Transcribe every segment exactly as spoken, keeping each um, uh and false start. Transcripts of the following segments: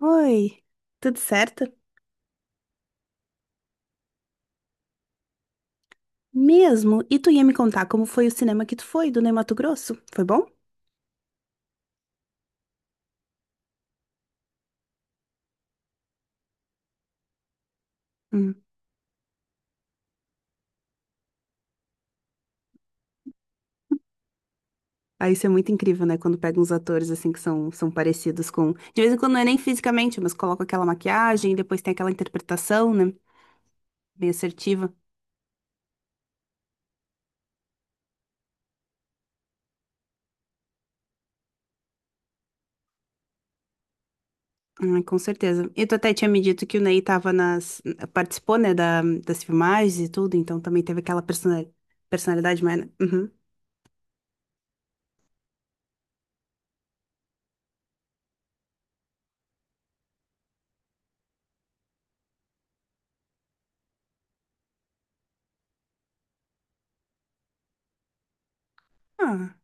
Oi, tudo certo? Mesmo? E tu ia me contar como foi o cinema que tu foi, do Ney Matogrosso? Foi bom? Hum. Ah, isso é muito incrível, né? Quando pega uns atores assim que são, são parecidos com. De vez em quando não é nem fisicamente, mas coloca aquela maquiagem e depois tem aquela interpretação, né? Bem assertiva. Hum, com certeza. E tu até tinha me dito que o Ney tava nas. Participou, né, da, das filmagens e tudo, então também teve aquela persona- personalidade mais. Né? Uhum. Ah,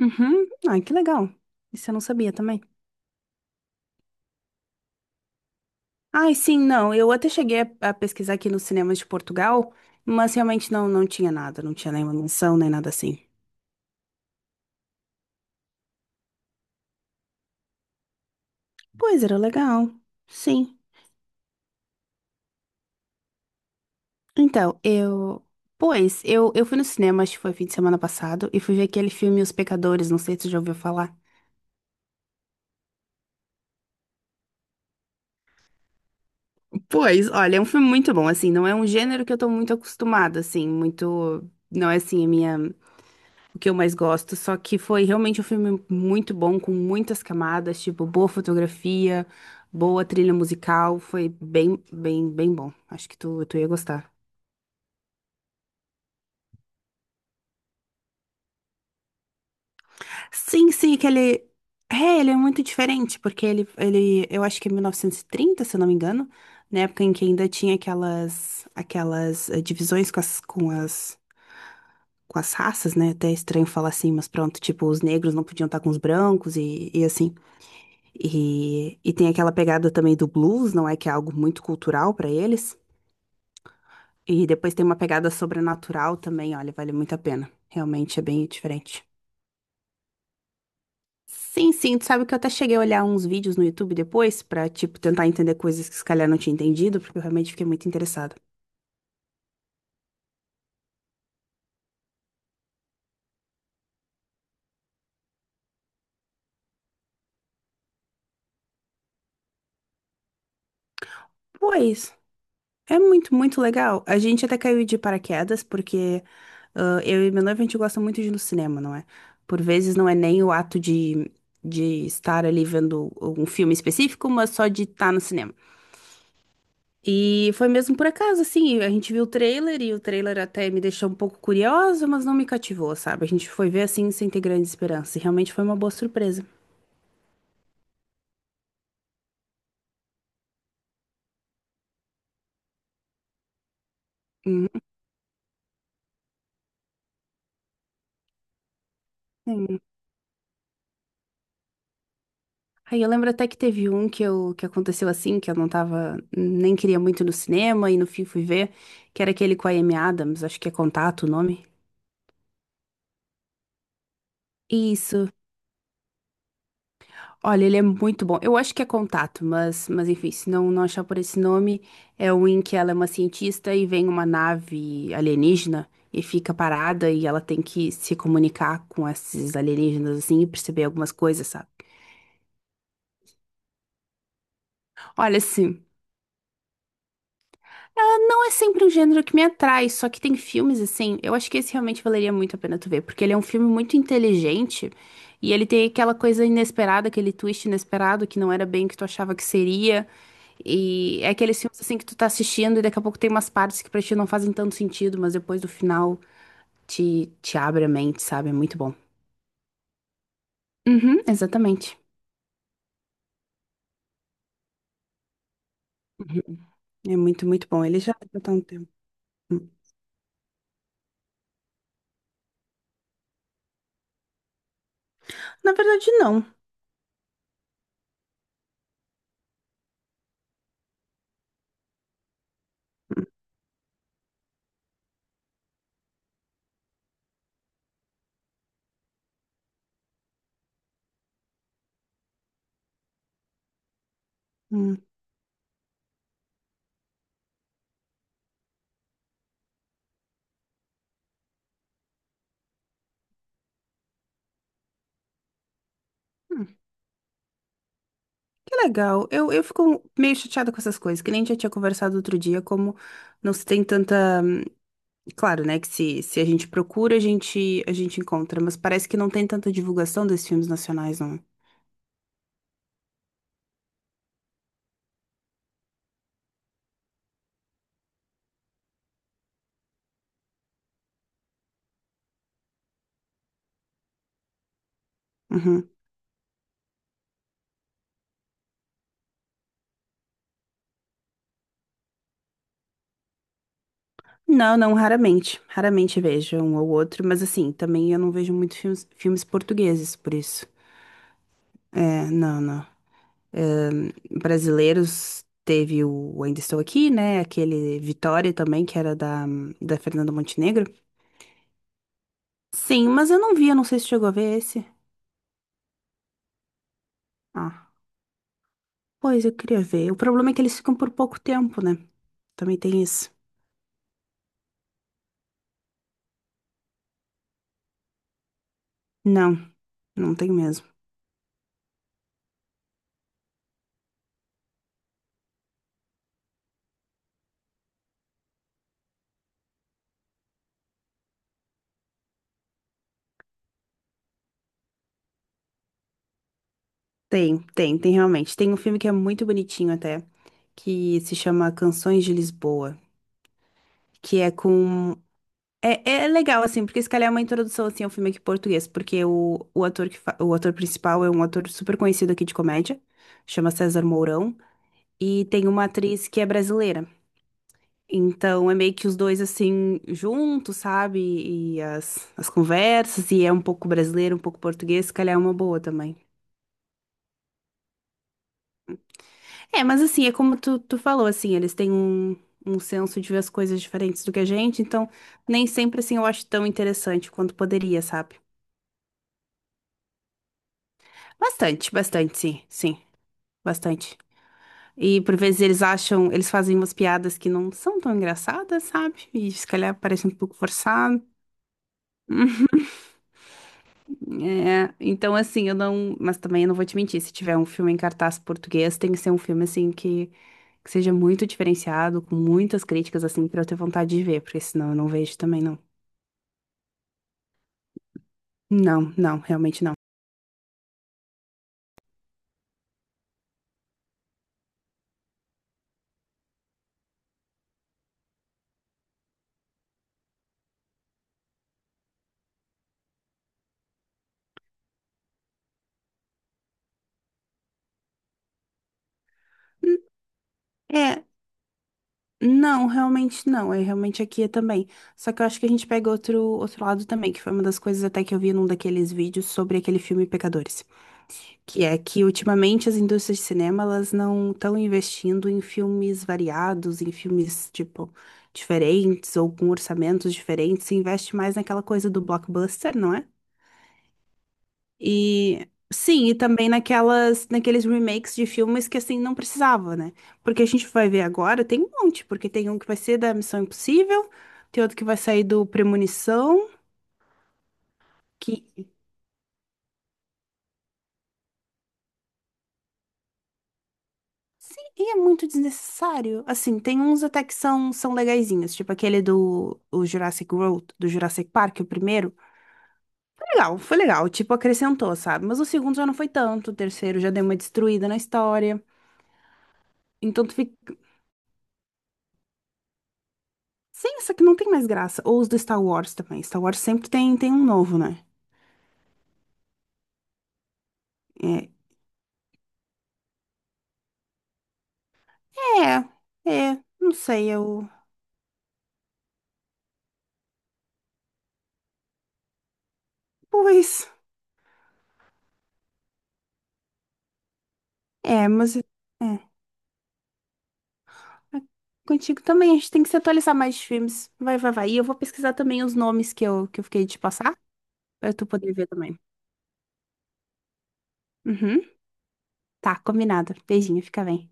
uhum. Ah, que legal. Isso eu não sabia também. Ai, sim, não. Eu até cheguei a, a pesquisar aqui nos cinemas de Portugal, mas realmente não, não tinha nada, não tinha nenhuma menção, nem nada assim. Pois era legal. Sim. Então, eu. Pois, eu, eu fui no cinema, acho que foi fim de semana passado, e fui ver aquele filme Os Pecadores, não sei se você já ouviu falar. Pois, olha, é um filme muito bom, assim, não é um gênero que eu tô muito acostumada, assim, muito. Não é assim a minha. O que eu mais gosto. Só que foi realmente um filme muito bom, com muitas camadas, tipo, boa fotografia, boa trilha musical. Foi bem, bem, bem bom. Acho que tu, tu ia gostar. Sim, sim, que ele. É, ele é muito diferente, porque ele, ele, eu acho que é mil novecentos e trinta, se eu não me engano, na época em que ainda tinha aquelas, aquelas eh, divisões com as, com as, com as raças, né? Até é estranho falar assim, mas pronto, tipo, os negros não podiam estar com os brancos e, e assim. E, e tem aquela pegada também do blues, não é? Que é algo muito cultural para eles. E depois tem uma pegada sobrenatural também, olha, vale muito a pena. Realmente é bem diferente. Sim, sim, tu sabe que eu até cheguei a olhar uns vídeos no YouTube depois pra, tipo, tentar entender coisas que se calhar não tinha entendido, porque eu realmente fiquei muito interessada. Pois. É muito, muito legal. A gente até caiu de paraquedas, porque ah, eu e meu noivo a gente gosta muito de ir no cinema, não é? Por vezes não é nem o ato de, de estar ali vendo um filme específico, mas só de estar no cinema. E foi mesmo por acaso, assim, a gente viu o trailer e o trailer até me deixou um pouco curiosa, mas não me cativou, sabe? A gente foi ver assim sem ter grande esperança. E realmente foi uma boa surpresa. Uhum, sim. Aí eu lembro até que teve um que, eu, que aconteceu assim, que eu não tava, nem queria muito ir no cinema, e no fim fui ver, que era aquele com a Amy Adams, acho que é Contato o nome. Isso. Olha, ele é muito bom. Eu acho que é Contato, mas, mas enfim, se não, não achar por esse nome, é o em que ela é uma cientista e vem uma nave alienígena e fica parada e ela tem que se comunicar com esses alienígenas assim e perceber algumas coisas, sabe? Olha, assim. Ela não é sempre um gênero que me atrai, só que tem filmes assim. Eu acho que esse realmente valeria muito a pena tu ver, porque ele é um filme muito inteligente e ele tem aquela coisa inesperada, aquele twist inesperado que não era bem o que tu achava que seria. E é aqueles filmes assim que tu tá assistindo e daqui a pouco tem umas partes que pra ti não fazem tanto sentido, mas depois do final te, te abre a mente, sabe? É muito bom. Uhum, exatamente. Uhum. É muito, muito bom. Ele já já tá um tempo. Hum. Na verdade, não. Hum. Que legal. Eu, eu fico meio chateada com essas coisas, que nem a gente já tinha conversado outro dia, como não se tem tanta. Claro, né? Que se, se a gente procura, a gente, a gente encontra, mas parece que não tem tanta divulgação desses filmes nacionais, não. Uhum. Não, não, raramente. Raramente vejo um ou outro, mas assim, também eu não vejo muito filmes, filmes portugueses, por isso. É, não, não. Brasileiros teve o Ainda Estou Aqui, né? Aquele Vitória também, que era da, da Fernanda Montenegro. Sim, mas eu não vi, eu não sei se chegou a ver esse. Ah, pois eu queria ver. O problema é que eles ficam por pouco tempo, né? Também tem isso. Não, não tem mesmo. Tem, tem, tem realmente. Tem um filme que é muito bonitinho até, que se chama Canções de Lisboa, que é com. É, é legal, assim, porque se calhar é uma introdução, assim, ao filme aqui em português, porque o, o ator que fa- o ator principal é um ator super conhecido aqui de comédia, chama César Mourão, e tem uma atriz que é brasileira. Então é meio que os dois assim juntos, sabe? E as, as conversas, e é um pouco brasileiro, um pouco português, se calhar é uma boa também. É, mas assim, é como tu, tu falou, assim, eles têm um, um senso de ver as coisas diferentes do que a gente, então nem sempre assim eu acho tão interessante quanto poderia, sabe? Bastante, bastante, sim, sim, bastante. E por vezes eles acham, eles fazem umas piadas que não são tão engraçadas, sabe? E se calhar parece um pouco forçado. É, então assim, eu não. Mas também eu não vou te mentir, se tiver um filme em cartaz português, tem que ser um filme assim que, que seja muito diferenciado, com muitas críticas, assim, pra eu ter vontade de ver, porque senão eu não vejo também, não. Não, não, realmente não. Hum, é, não, realmente não. É realmente aqui é também. Só que eu acho que a gente pega outro, outro lado também, que foi uma das coisas até que eu vi num daqueles vídeos sobre aquele filme Pecadores. Que é que ultimamente as indústrias de cinema elas não estão investindo em filmes variados, em filmes tipo diferentes ou com orçamentos diferentes, se investe mais naquela coisa do blockbuster, não é? E sim, e também naquelas naqueles remakes de filmes que assim não precisava, né? Porque a gente vai ver agora, tem um monte, porque tem um que vai ser da Missão Impossível, tem outro que vai sair do Premonição, que sim, e é muito desnecessário. Assim, tem uns até que são, são legaizinhos, tipo aquele do o Jurassic World, do Jurassic Park, o primeiro. Foi legal, foi legal, tipo, acrescentou, sabe? Mas o segundo já não foi tanto, o terceiro já deu uma destruída na história. Então tu fica, sim, isso aqui não tem mais graça. Ou os do Star Wars também. Star Wars sempre tem, tem um novo, né? É, é, é, não sei, eu... Pois, é, mas... É, é, contigo também, a gente tem que se atualizar mais de filmes. Vai, vai, vai. E eu vou pesquisar também os nomes que eu, que eu fiquei, de passar pra tu poder ver também. Uhum. Tá, combinado. Beijinho, fica bem.